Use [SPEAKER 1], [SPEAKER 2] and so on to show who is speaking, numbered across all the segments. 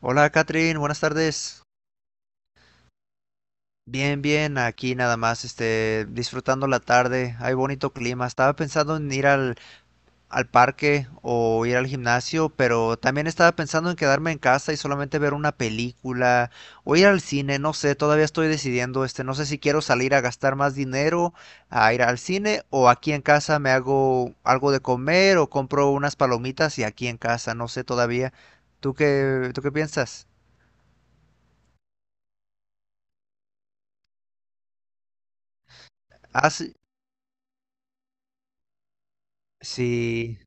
[SPEAKER 1] Hola, Catherine, buenas tardes. Bien, bien, aquí nada más, disfrutando la tarde. Hay bonito clima. Estaba pensando en ir al parque o ir al gimnasio, pero también estaba pensando en quedarme en casa y solamente ver una película o ir al cine. No sé, todavía estoy decidiendo, no sé si quiero salir a gastar más dinero a ir al cine o aquí en casa me hago algo de comer o compro unas palomitas y aquí en casa, no sé todavía. ¿Tú qué piensas? Ah, sí. Sí.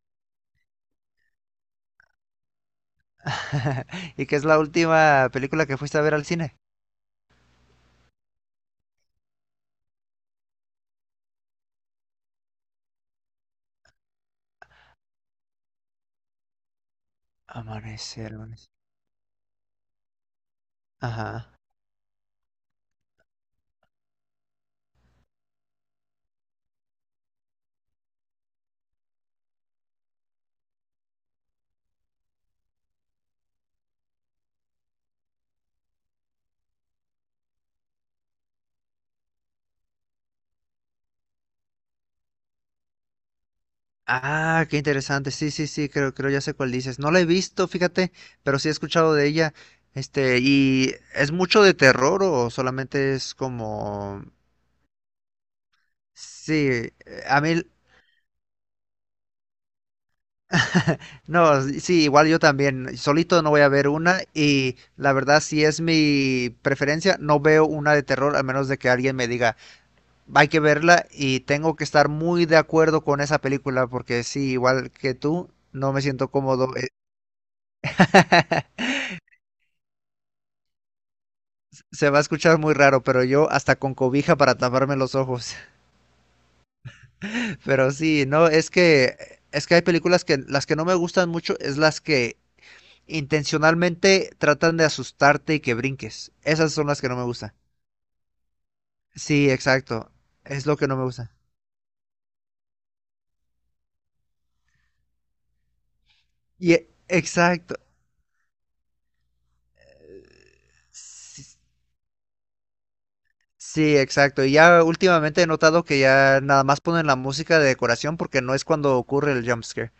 [SPEAKER 1] ¿Y qué es la última película que fuiste a ver al cine? Amanecer, amanecer. Ajá. Ah, qué interesante. Sí, sí, sí, creo ya sé cuál dices. No la he visto, fíjate, pero sí he escuchado de ella. Este, ¿y es mucho de terror o solamente es como... Sí, a mí... No, sí, igual yo también. Solito no voy a ver una y la verdad si es mi preferencia, no veo una de terror a menos de que alguien me diga, hay que verla y tengo que estar muy de acuerdo con esa película porque sí, igual que tú, no me siento cómodo. Se va a escuchar muy raro, pero yo hasta con cobija para taparme los ojos. Pero sí, no, es que hay películas que las que no me gustan mucho es las que intencionalmente tratan de asustarte y que brinques. Esas son las que no me gustan. Sí, exacto. Es lo que no me gusta. Y exacto. Sí, sí, exacto. Y ya últimamente he notado que ya nada más ponen la música de decoración porque no es cuando ocurre el jumpscare.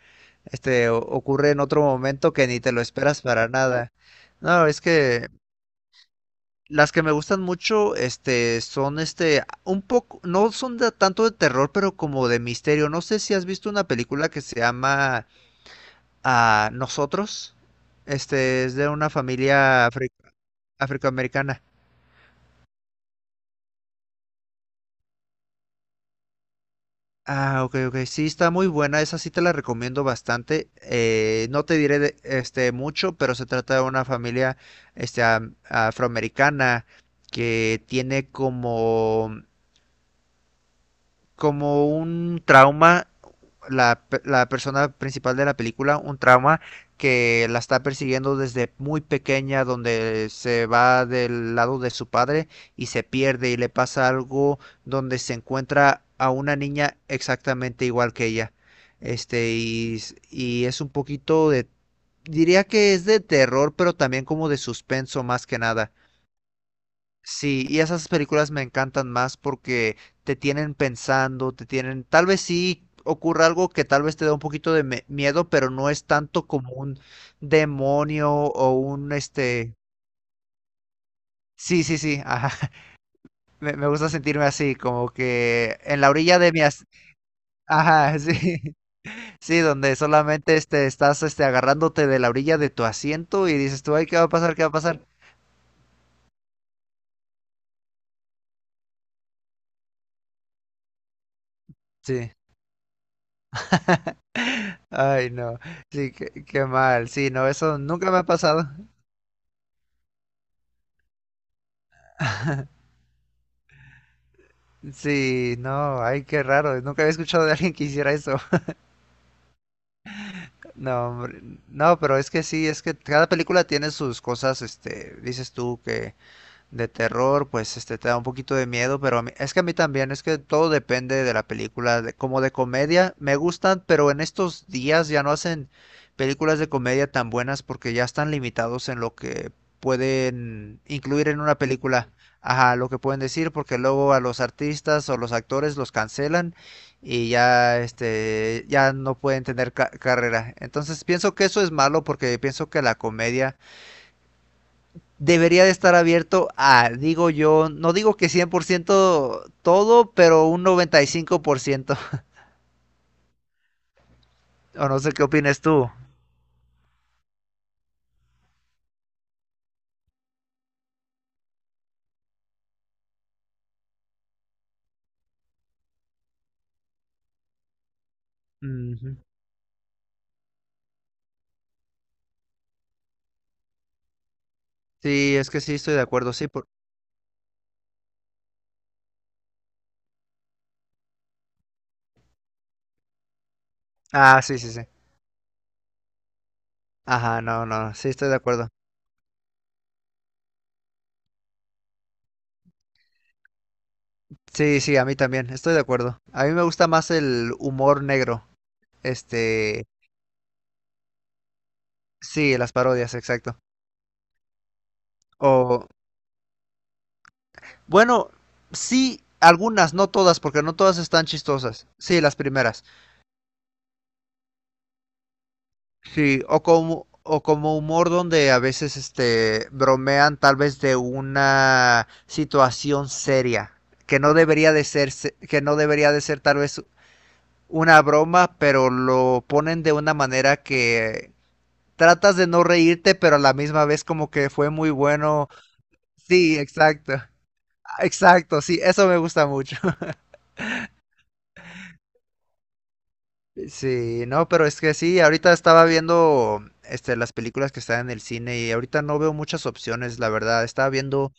[SPEAKER 1] Este ocurre en otro momento que ni te lo esperas para nada. No, es que las que me gustan mucho, un poco, no son de, tanto de terror, pero como de misterio. No sé si has visto una película que se llama Nosotros. Es de una familia afroamericana. Ah, ok, ok. Sí, está muy buena. Esa sí te la recomiendo bastante. No te diré mucho, pero se trata de una familia afroamericana que tiene como, como un trauma la persona principal de la película un trauma que la está persiguiendo desde muy pequeña, donde se va del lado de su padre y se pierde y le pasa algo donde se encuentra a una niña exactamente igual que ella. Este, y, y es un poquito de, diría que es de terror, pero también como de suspenso más que nada. Sí, y esas películas me encantan más porque te tienen pensando, te tienen, tal vez sí ocurra algo que tal vez te da un poquito de miedo, pero no es tanto como un demonio o un este. Sí, sí, sí, ajá. Me gusta sentirme así, como que en la orilla de mi as- ajá, sí. Sí, donde solamente estás agarrándote de la orilla de tu asiento y dices tú, ay, ¿qué va a pasar? ¿Qué va a pasar? Sí. Ay, no. Sí, qué, qué mal. Sí, no, eso nunca me ha pasado. Sí, no, ay, qué raro, nunca había escuchado de alguien que hiciera eso. No, hombre, no, pero es que sí, es que cada película tiene sus cosas, dices tú que de terror, pues te da un poquito de miedo, pero a mí- es que a mí también, es que todo depende de la película, de- como de comedia, me gustan, pero en estos días ya no hacen películas de comedia tan buenas porque ya están limitados en lo que pueden incluir en una película, ajá, lo que pueden decir, porque luego a los artistas o los actores los cancelan y ya ya no pueden tener carrera. Entonces pienso que eso es malo porque pienso que la comedia debería de estar abierto a, digo yo, no digo que 100% todo, pero un noventa y cinco por ciento. O no sé qué opinas tú. Ujú. Sí, es que sí, estoy de acuerdo, sí. Por... Ah, sí, sí, sí. Ajá, no, no, sí, estoy de acuerdo. Sí, sí, a mí también, estoy de acuerdo. A mí me gusta más el humor negro. Este, sí, las parodias, exacto. O, bueno, sí, algunas, no todas, porque no todas están chistosas. Sí, las primeras. Sí, o como humor donde a veces bromean tal vez de una situación seria, que no debería de ser, que no debería de ser tal vez una broma, pero lo ponen de una manera que tratas de no reírte, pero a la misma vez como que fue muy bueno. Sí, exacto. Exacto, sí, eso me gusta mucho. Sí, no, pero es que sí, ahorita estaba viendo las películas que están en el cine y ahorita no veo muchas opciones, la verdad. Estaba viendo,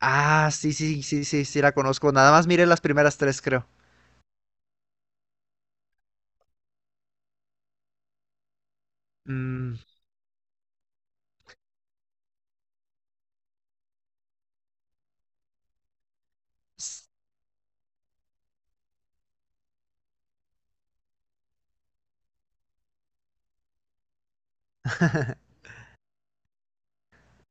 [SPEAKER 1] ah, sí, sí, sí, sí, sí la conozco. Nada más miré las primeras tres, creo. Mm, s-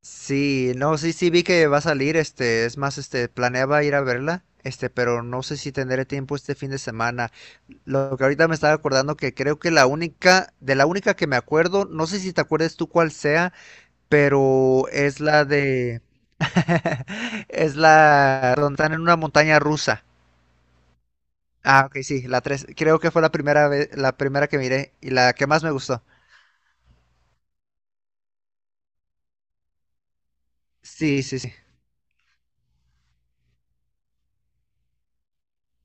[SPEAKER 1] Sí, no, sí, sí vi que va a salir, es más, planeaba ir a verla, pero no sé si tendré tiempo este fin de semana. Lo que ahorita me estaba acordando que creo que la única, de la única que me acuerdo, no sé si te acuerdes tú cuál sea, pero es la de... Es la donde están en una montaña rusa. Ah, ok, sí, la tres. Creo que fue la primera vez, la primera que miré y la que más me gustó. Sí, sí, sí.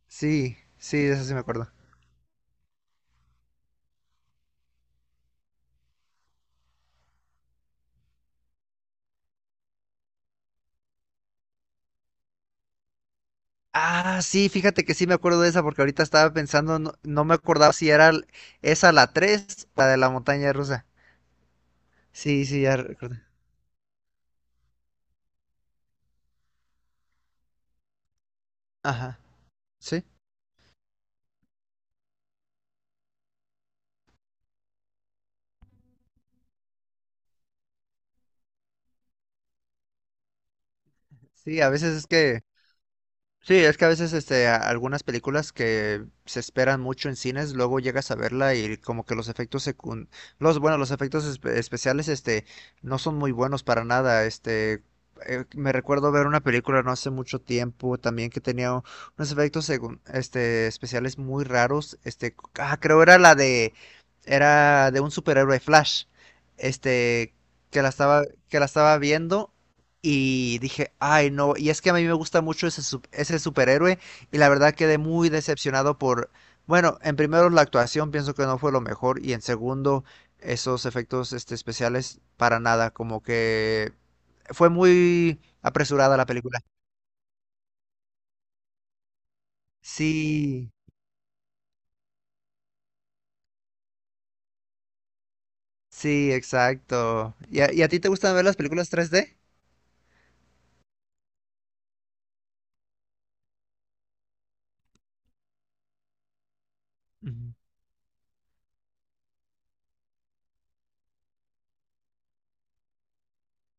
[SPEAKER 1] Sí, sí, de esa sí me acuerdo. Ah, sí, fíjate que sí me acuerdo de esa porque ahorita estaba pensando, no, no me acordaba si era esa la 3 la de la montaña rusa. Sí, sí, ya recuerdo. Ajá. Sí, sí, a veces es que sí, es que a veces algunas películas que se esperan mucho en cines, luego llegas a verla y como que los efectos los efectos especiales no son muy buenos para nada, me recuerdo ver una película no hace mucho tiempo también que tenía unos efectos especiales muy raros, creo era la de era de un superhéroe Flash. Este que la estaba que la estaba viendo y dije, ay, no. Y es que a mí me gusta mucho ese, ese superhéroe. Y la verdad quedé muy decepcionado por. Bueno, en primero, la actuación pienso que no fue lo mejor. Y en segundo, esos efectos especiales para nada. Como que fue muy apresurada la película. Sí, sí, exacto. ¿Y a ti te gustan ver las películas 3D? Ujú.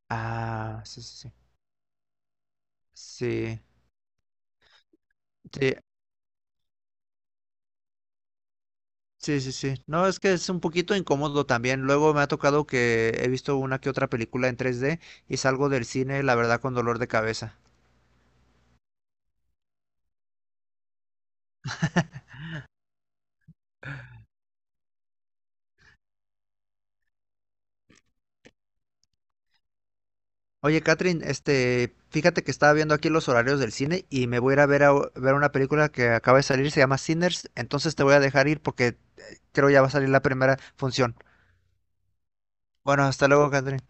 [SPEAKER 1] Ah, sí, sí, sí. Sí. Sí, sí, sí, sí. No, es que es un poquito incómodo también. Luego me ha tocado que he visto una que otra película en 3D y salgo del cine, la verdad, con dolor de cabeza. Oye, Catherine, fíjate que estaba viendo aquí los horarios del cine y me voy a a ver una película que acaba de salir, se llama Sinners, entonces te voy a dejar ir porque creo ya va a salir la primera función. Bueno, hasta luego, Catherine.